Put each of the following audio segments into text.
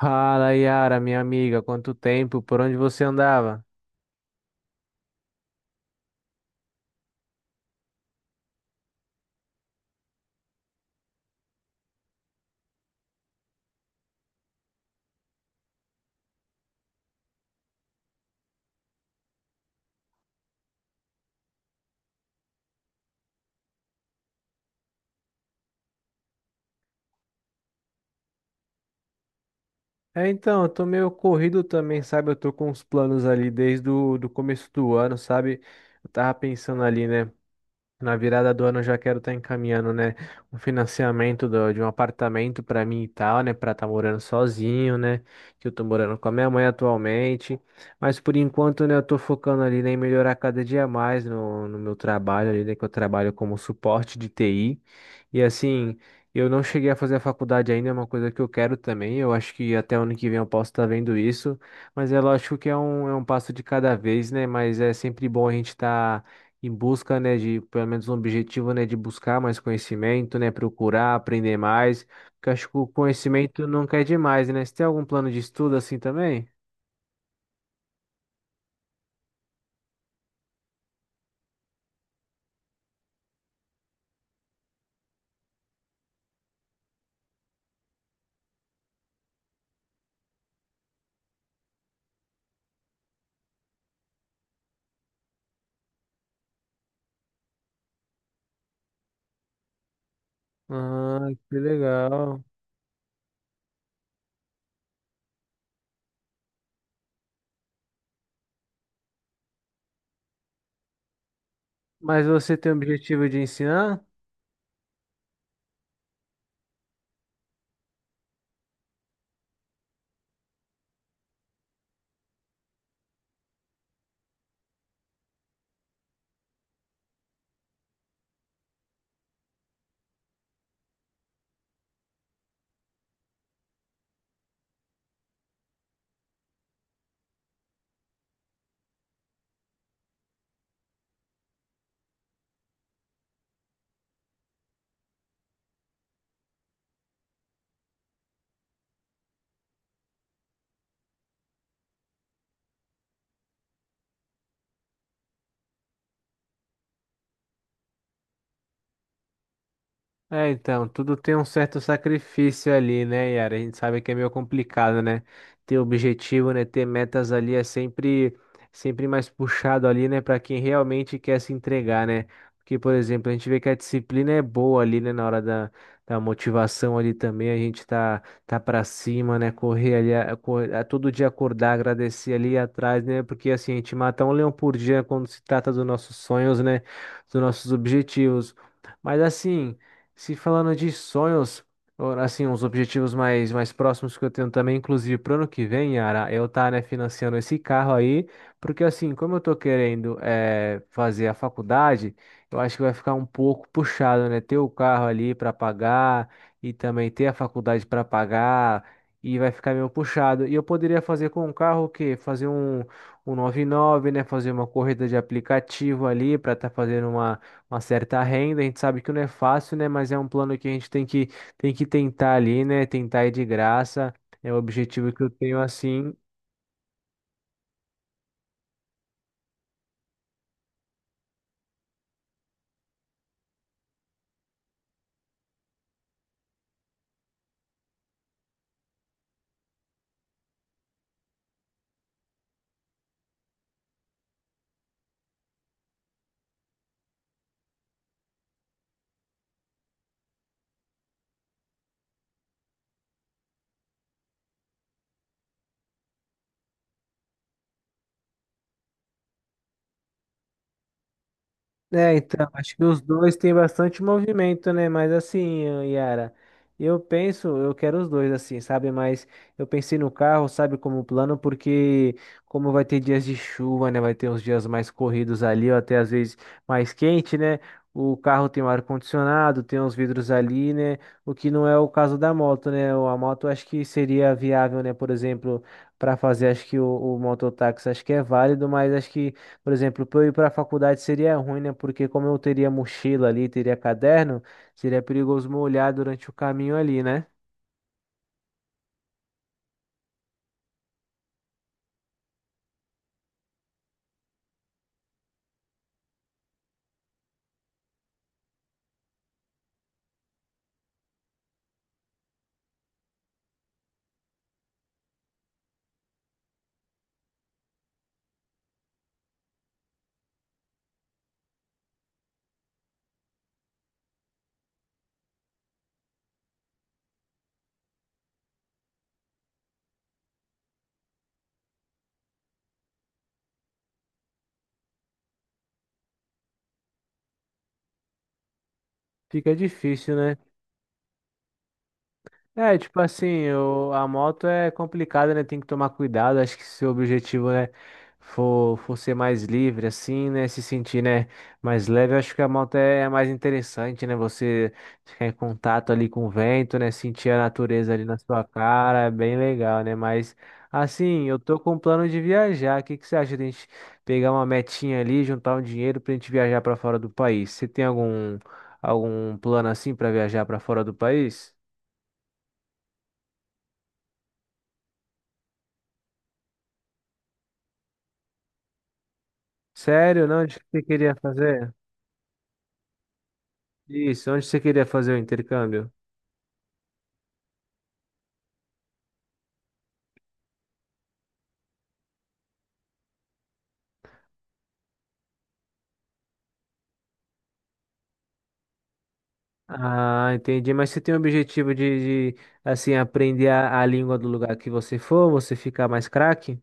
Fala, Yara, minha amiga, quanto tempo? Por onde você andava? É, então, eu tô meio corrido também, sabe? Eu tô com uns planos ali desde o do começo do ano, sabe? Eu tava pensando ali, né? Na virada do ano eu já quero estar encaminhando, né, um financiamento de um apartamento para mim e tal, né, para estar morando sozinho, né, que eu tô morando com a minha mãe atualmente, mas por enquanto, né, eu tô focando ali, né, em melhorar cada dia mais no meu trabalho ali, né, que eu trabalho como suporte de TI, e assim, eu não cheguei a fazer a faculdade ainda, é uma coisa que eu quero também, eu acho que até ano que vem eu posso estar vendo isso, mas é lógico que é um passo de cada vez, né, mas é sempre bom a gente estar em busca, né, de pelo menos um objetivo, né, de buscar mais conhecimento, né, procurar aprender mais, porque acho que o conhecimento nunca é demais, né? Você tem algum plano de estudo assim também? Ah, que legal. Mas você tem o objetivo de ensinar? É, então, tudo tem um certo sacrifício ali, né, Yara? A gente sabe que é meio complicado, né? Ter objetivo, né? Ter metas ali é sempre, sempre mais puxado ali, né? Para quem realmente quer se entregar, né? Porque, por exemplo, a gente vê que a disciplina é boa ali, né? Na hora da motivação ali também, a gente tá para cima, né? Correr ali, a todo dia acordar, agradecer ali atrás, né? Porque assim, a gente mata um leão por dia quando se trata dos nossos sonhos, né? Dos nossos objetivos. Mas assim. Se falando de sonhos, ou, assim, uns objetivos mais próximos que eu tenho também, inclusive pro ano que vem, Yara, eu tá, né, financiando esse carro aí, porque assim, como eu tô querendo fazer a faculdade, eu acho que vai ficar um pouco puxado, né, ter o carro ali para pagar e também ter a faculdade para pagar e vai ficar meio puxado. E eu poderia fazer com o carro o quê? Fazer um 99, né, fazer uma corrida de aplicativo ali para estar fazendo uma certa renda. A gente sabe que não é fácil, né? Mas é um plano que a gente tem que tentar ali, né? Tentar ir de graça. É o objetivo que eu tenho assim. É, então, acho que os dois têm bastante movimento, né? Mas assim, Yara, eu penso, eu quero os dois, assim, sabe? Mas eu pensei no carro, sabe, como plano, porque como vai ter dias de chuva, né? Vai ter uns dias mais corridos ali, ou até às vezes mais quente, né? O carro tem o ar-condicionado, tem os vidros ali, né? O que não é o caso da moto, né? A moto acho que seria viável, né? Por exemplo, para fazer, acho que o mototáxi acho que é válido, mas acho que por exemplo, para eu ir para a faculdade seria ruim, né? Porque como eu teria mochila ali, teria caderno, seria perigoso me olhar durante o caminho ali, né? Fica difícil, né? É, tipo assim, a moto é complicada, né? Tem que tomar cuidado. Acho que se o objetivo, né, for ser mais livre, assim, né? Se sentir, né, mais leve, acho que a moto é a mais interessante, né? Você ficar em contato ali com o vento, né? Sentir a natureza ali na sua cara, é bem legal, né? Mas, assim, eu tô com um plano de viajar. O que que você acha de a gente pegar uma metinha ali, juntar um dinheiro pra gente viajar pra fora do país? Você tem algum plano assim pra viajar pra fora do país? Sério? Não, onde que você queria fazer? Isso, onde você queria fazer o intercâmbio? Ah, entendi. Mas você tem o objetivo assim, aprender a língua do lugar que você for, você ficar mais craque?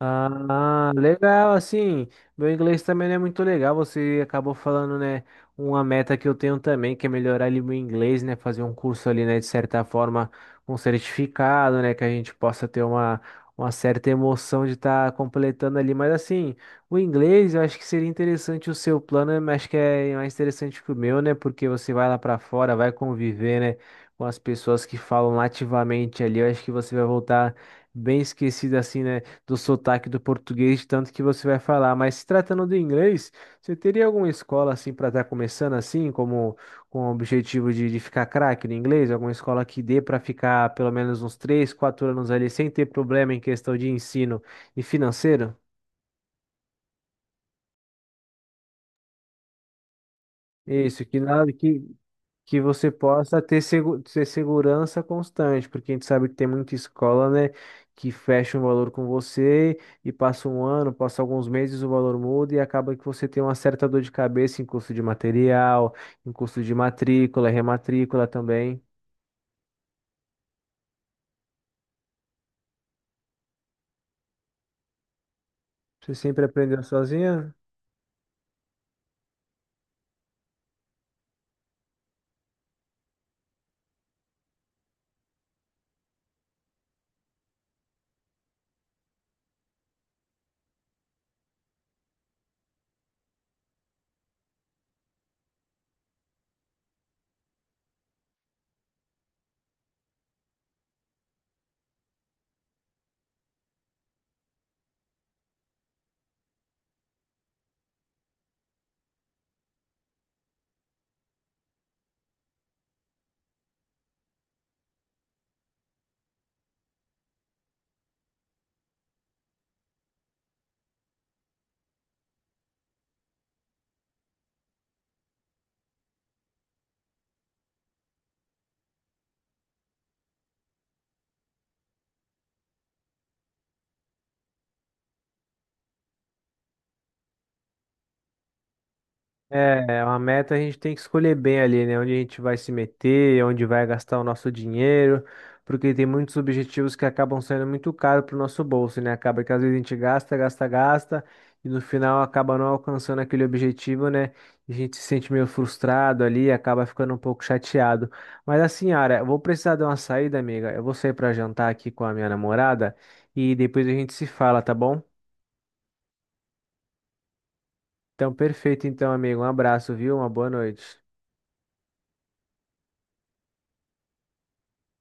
Ah, legal, assim, meu inglês também não é muito legal, você acabou falando, né, uma meta que eu tenho também, que é melhorar ali meu inglês, né, fazer um curso ali, né, de certa forma, um certificado, né, que a gente possa ter uma certa emoção de estar completando ali, mas assim, o inglês, eu acho que seria interessante o seu plano, mas acho que é mais interessante que o meu, né, porque você vai lá pra fora, vai conviver, né, com as pessoas que falam nativamente ali, eu acho que você vai voltar bem esquecido assim, né, do sotaque do português, tanto que você vai falar. Mas se tratando do inglês, você teria alguma escola assim para estar começando assim, como com o objetivo de ficar craque no inglês? Alguma escola que dê para ficar pelo menos uns 3, 4 anos ali sem ter problema em questão de ensino e financeiro? Isso, que nada que você possa ter, ter segurança constante, porque a gente sabe que tem muita escola, né, que fecha um valor com você e passa um ano, passa alguns meses, o valor muda e acaba que você tem uma certa dor de cabeça em custo de material, em custo de matrícula, rematrícula também. Você sempre aprendeu sozinha? É, é uma meta a gente tem que escolher bem ali, né? Onde a gente vai se meter, onde vai gastar o nosso dinheiro, porque tem muitos objetivos que acabam sendo muito caros para o nosso bolso, né? Acaba que às vezes a gente gasta, gasta, gasta, e no final acaba não alcançando aquele objetivo, né? E a gente se sente meio frustrado ali, acaba ficando um pouco chateado. Mas assim, Ara, eu vou precisar de uma saída, amiga. Eu vou sair para jantar aqui com a minha namorada e depois a gente se fala, tá bom? Então, perfeito, então, amigo. Um abraço, viu? Uma boa noite.